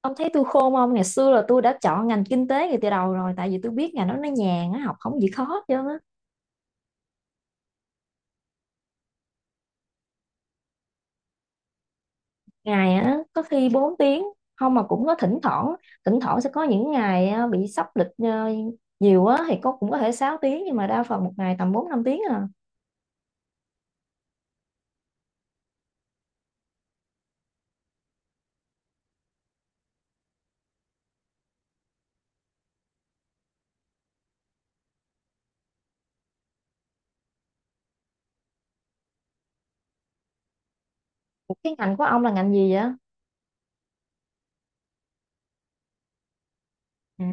Ông thấy tôi khôn không? Ngày xưa là tôi đã chọn ngành kinh tế ngay từ đầu rồi tại vì tôi biết ngành đó nó nhàn á, học không gì khó chứ. Ngày á có khi 4 tiếng, không mà cũng có thỉnh thoảng sẽ có những ngày á, bị sắp lịch nhiều á thì có cũng có thể 6 tiếng nhưng mà đa phần một ngày tầm 4-5 tiếng à. Ủa, cái ngành của ông là ngành gì vậy? Ừ.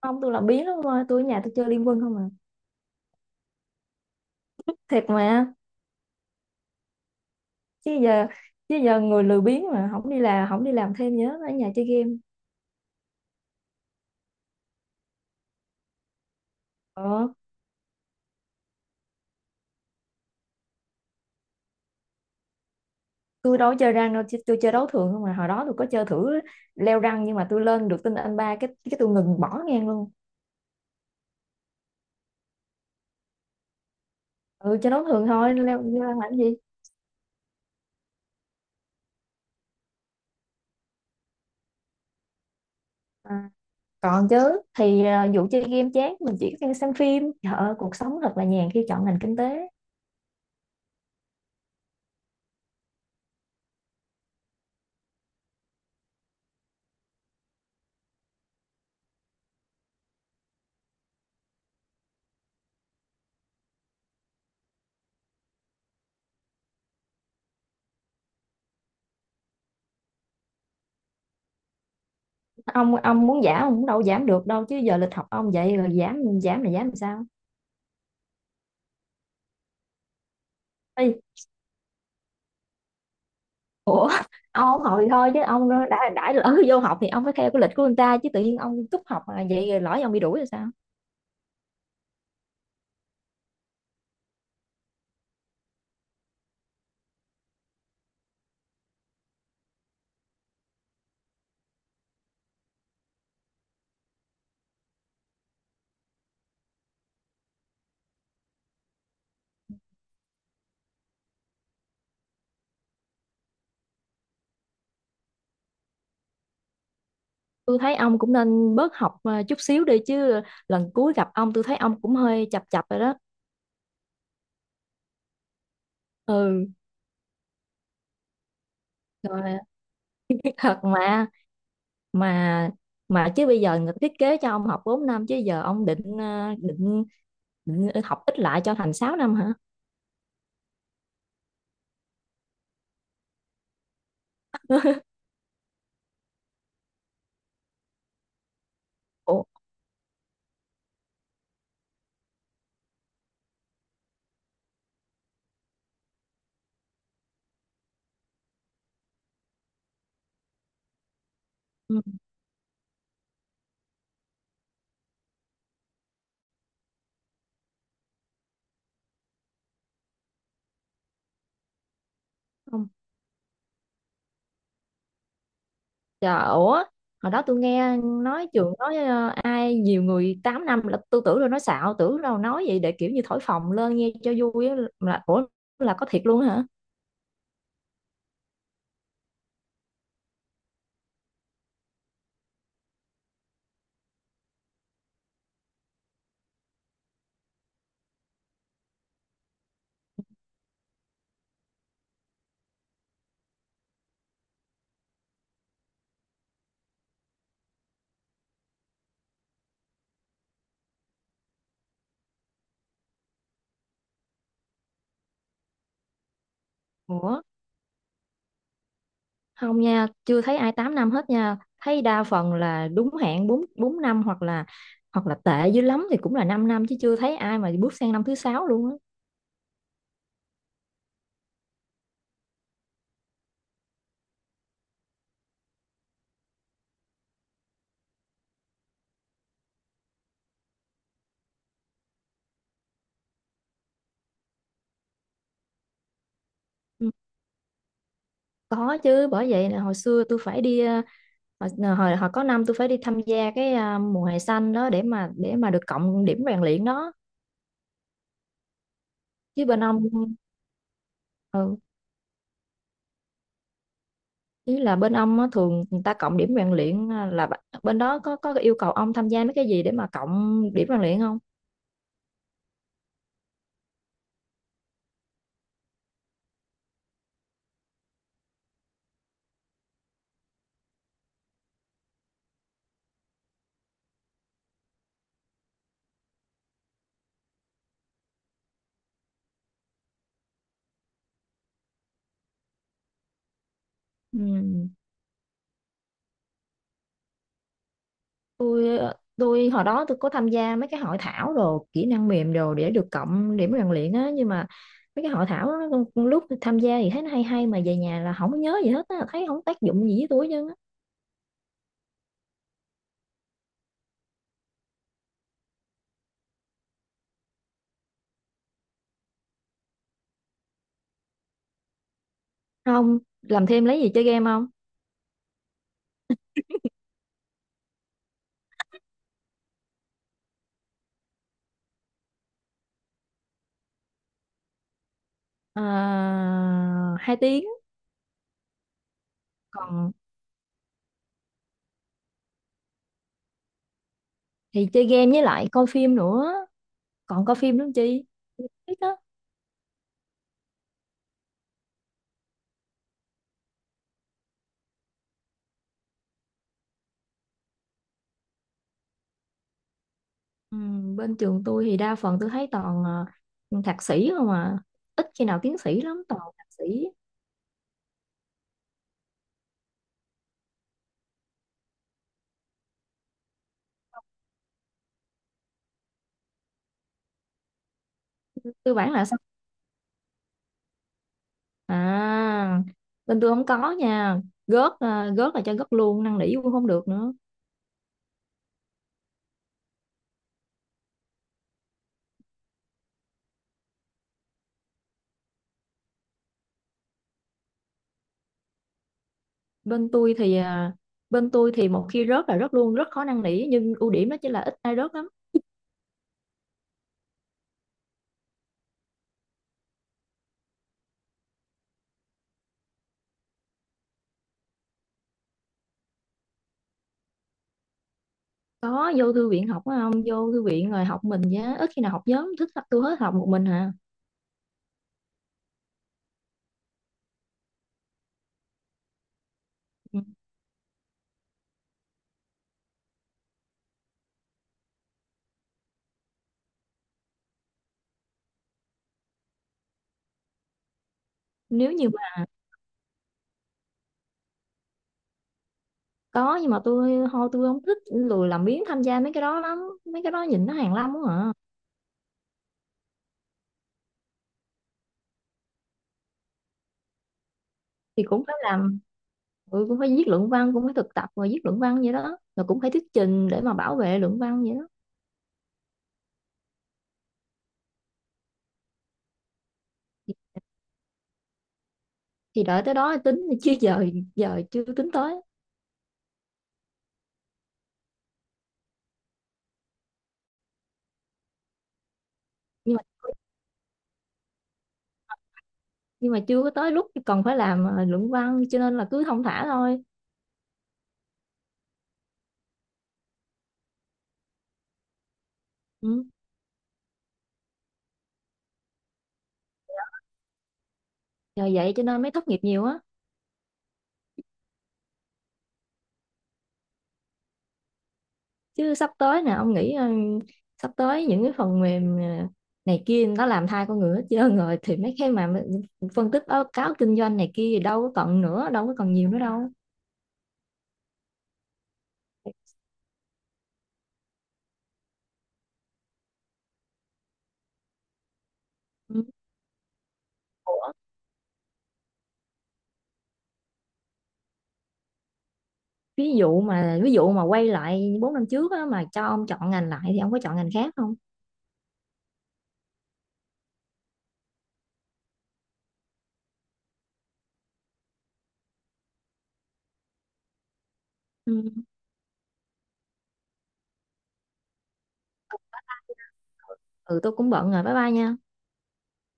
Ông tôi làm biến lắm thôi, tôi ở nhà tôi chơi Liên Quân không à. Thiệt mà. Chứ giờ chứ giờ người lười biếng mà không đi làm, không đi làm thêm nhớ ở nhà chơi game. Ờ. Tôi đâu có chơi răng đâu chứ tôi chơi đấu thường không mà hồi đó tôi có chơi thử leo răng nhưng mà tôi lên được tinh anh ba cái tôi ngừng bỏ ngang luôn. Ừ, chơi đấu thường thôi leo leo răng làm cái gì. À, còn chứ thì à, vụ chơi game chán mình chỉ có xem phim. Trời ơi, cuộc sống thật là nhàn khi chọn ngành kinh tế. Ông muốn giảm ông cũng đâu giảm được đâu chứ giờ lịch học ông vậy rồi giảm giảm là giảm làm sao. Ê, ủa, ông không học thì thôi chứ ông đã lỡ vô học thì ông phải theo cái lịch của người ta chứ tự nhiên ông cúp học mà vậy rồi lỡ ông bị đuổi rồi sao? Tôi thấy ông cũng nên bớt học à, chút xíu đi chứ. Lần cuối gặp ông tôi thấy ông cũng hơi chập chập rồi đó. Ừ, rồi thật mà mà chứ bây giờ người ta thiết kế cho ông học 4 năm chứ giờ ông định định học ít lại cho thành 6 năm hả? Ủa. Ừ. Không. Trời, ủa hồi đó tôi nghe nói trường nói ai nhiều người 8 năm là tôi tưởng rồi nói xạo, tưởng đâu nói vậy để kiểu như thổi phồng lên nghe cho vui á, là ủa, là có thiệt luôn hả? Ủa, không nha, chưa thấy ai 8 năm hết nha. Thấy đa phần là đúng hạn 4 4 năm, hoặc là tệ dữ lắm thì cũng là 5 năm năm, chứ chưa thấy ai mà bước sang năm thứ sáu luôn á. Ừ, có chứ, bởi vậy là hồi xưa tôi phải đi hồi có năm tôi phải đi tham gia cái mùa hè xanh đó để mà được cộng điểm rèn luyện đó. Chứ bên ông ừ, Chứ là bên ông á, thường người ta cộng điểm rèn luyện là bên đó có yêu cầu ông tham gia mấy cái gì để mà cộng điểm rèn luyện không? Ừ. tôi tôi hồi đó tôi có tham gia mấy cái hội thảo đồ kỹ năng mềm đồ để được cộng điểm rèn luyện á. Nhưng mà mấy cái hội thảo đó, lúc tham gia thì thấy nó hay hay mà về nhà là không có nhớ gì hết á, thấy không tác dụng gì với tôi chứ. Không làm thêm lấy gì chơi game không? À, 2 tiếng. Còn thì chơi game với lại coi phim nữa, còn coi phim nữa làm chi ít đó. Ừ, bên trường tôi thì đa phần tôi thấy toàn thạc sĩ không à, ít khi nào tiến sĩ lắm, toàn thạc sĩ cơ bản là. À, bên tôi không có nha. Gớt à, gớt là cho gớt luôn, năn nỉ cũng không được nữa. Bên tôi thì à, Bên tôi thì một khi rớt là rớt luôn, rất khó năn nỉ nhưng ưu điểm đó chính là ít ai rớt lắm. Có vô thư viện học á không? Vô thư viện rồi học, mình giá ít khi nào học nhóm, thích học tôi hết, học một mình hả? Ừ. Nếu như mà có nhưng mà tôi thôi, tôi không thích, lười làm biếng tham gia mấy cái đó lắm, mấy cái đó nhìn nó hàn lâm quá à. Thì cũng phải làm, ừ, cũng phải viết luận văn, cũng phải thực tập rồi viết luận văn vậy đó, rồi cũng phải thuyết trình để mà bảo vệ luận văn vậy đó. Thì đợi tới đó tính chứ giờ giờ chưa tính tới. Nhưng mà nhưng mà chưa có tới lúc còn phải làm luận văn cho nên là cứ thong thả thôi. Ừ. Nhờ vậy cho nên mới thất nghiệp nhiều á. Chứ sắp tới nè ông nghĩ sắp tới những cái phần mềm này kia nó làm thay con người hết trơn rồi thì mấy cái mà phân tích báo cáo kinh doanh này kia thì đâu có còn nữa, đâu có còn nhiều nữa đâu. Ừ. Ủa, ví dụ mà quay lại 4 năm trước á, mà cho ông chọn ngành lại thì ông có chọn ngành khác không? Ừ, ừ, tôi cũng bận rồi, bye bye nha.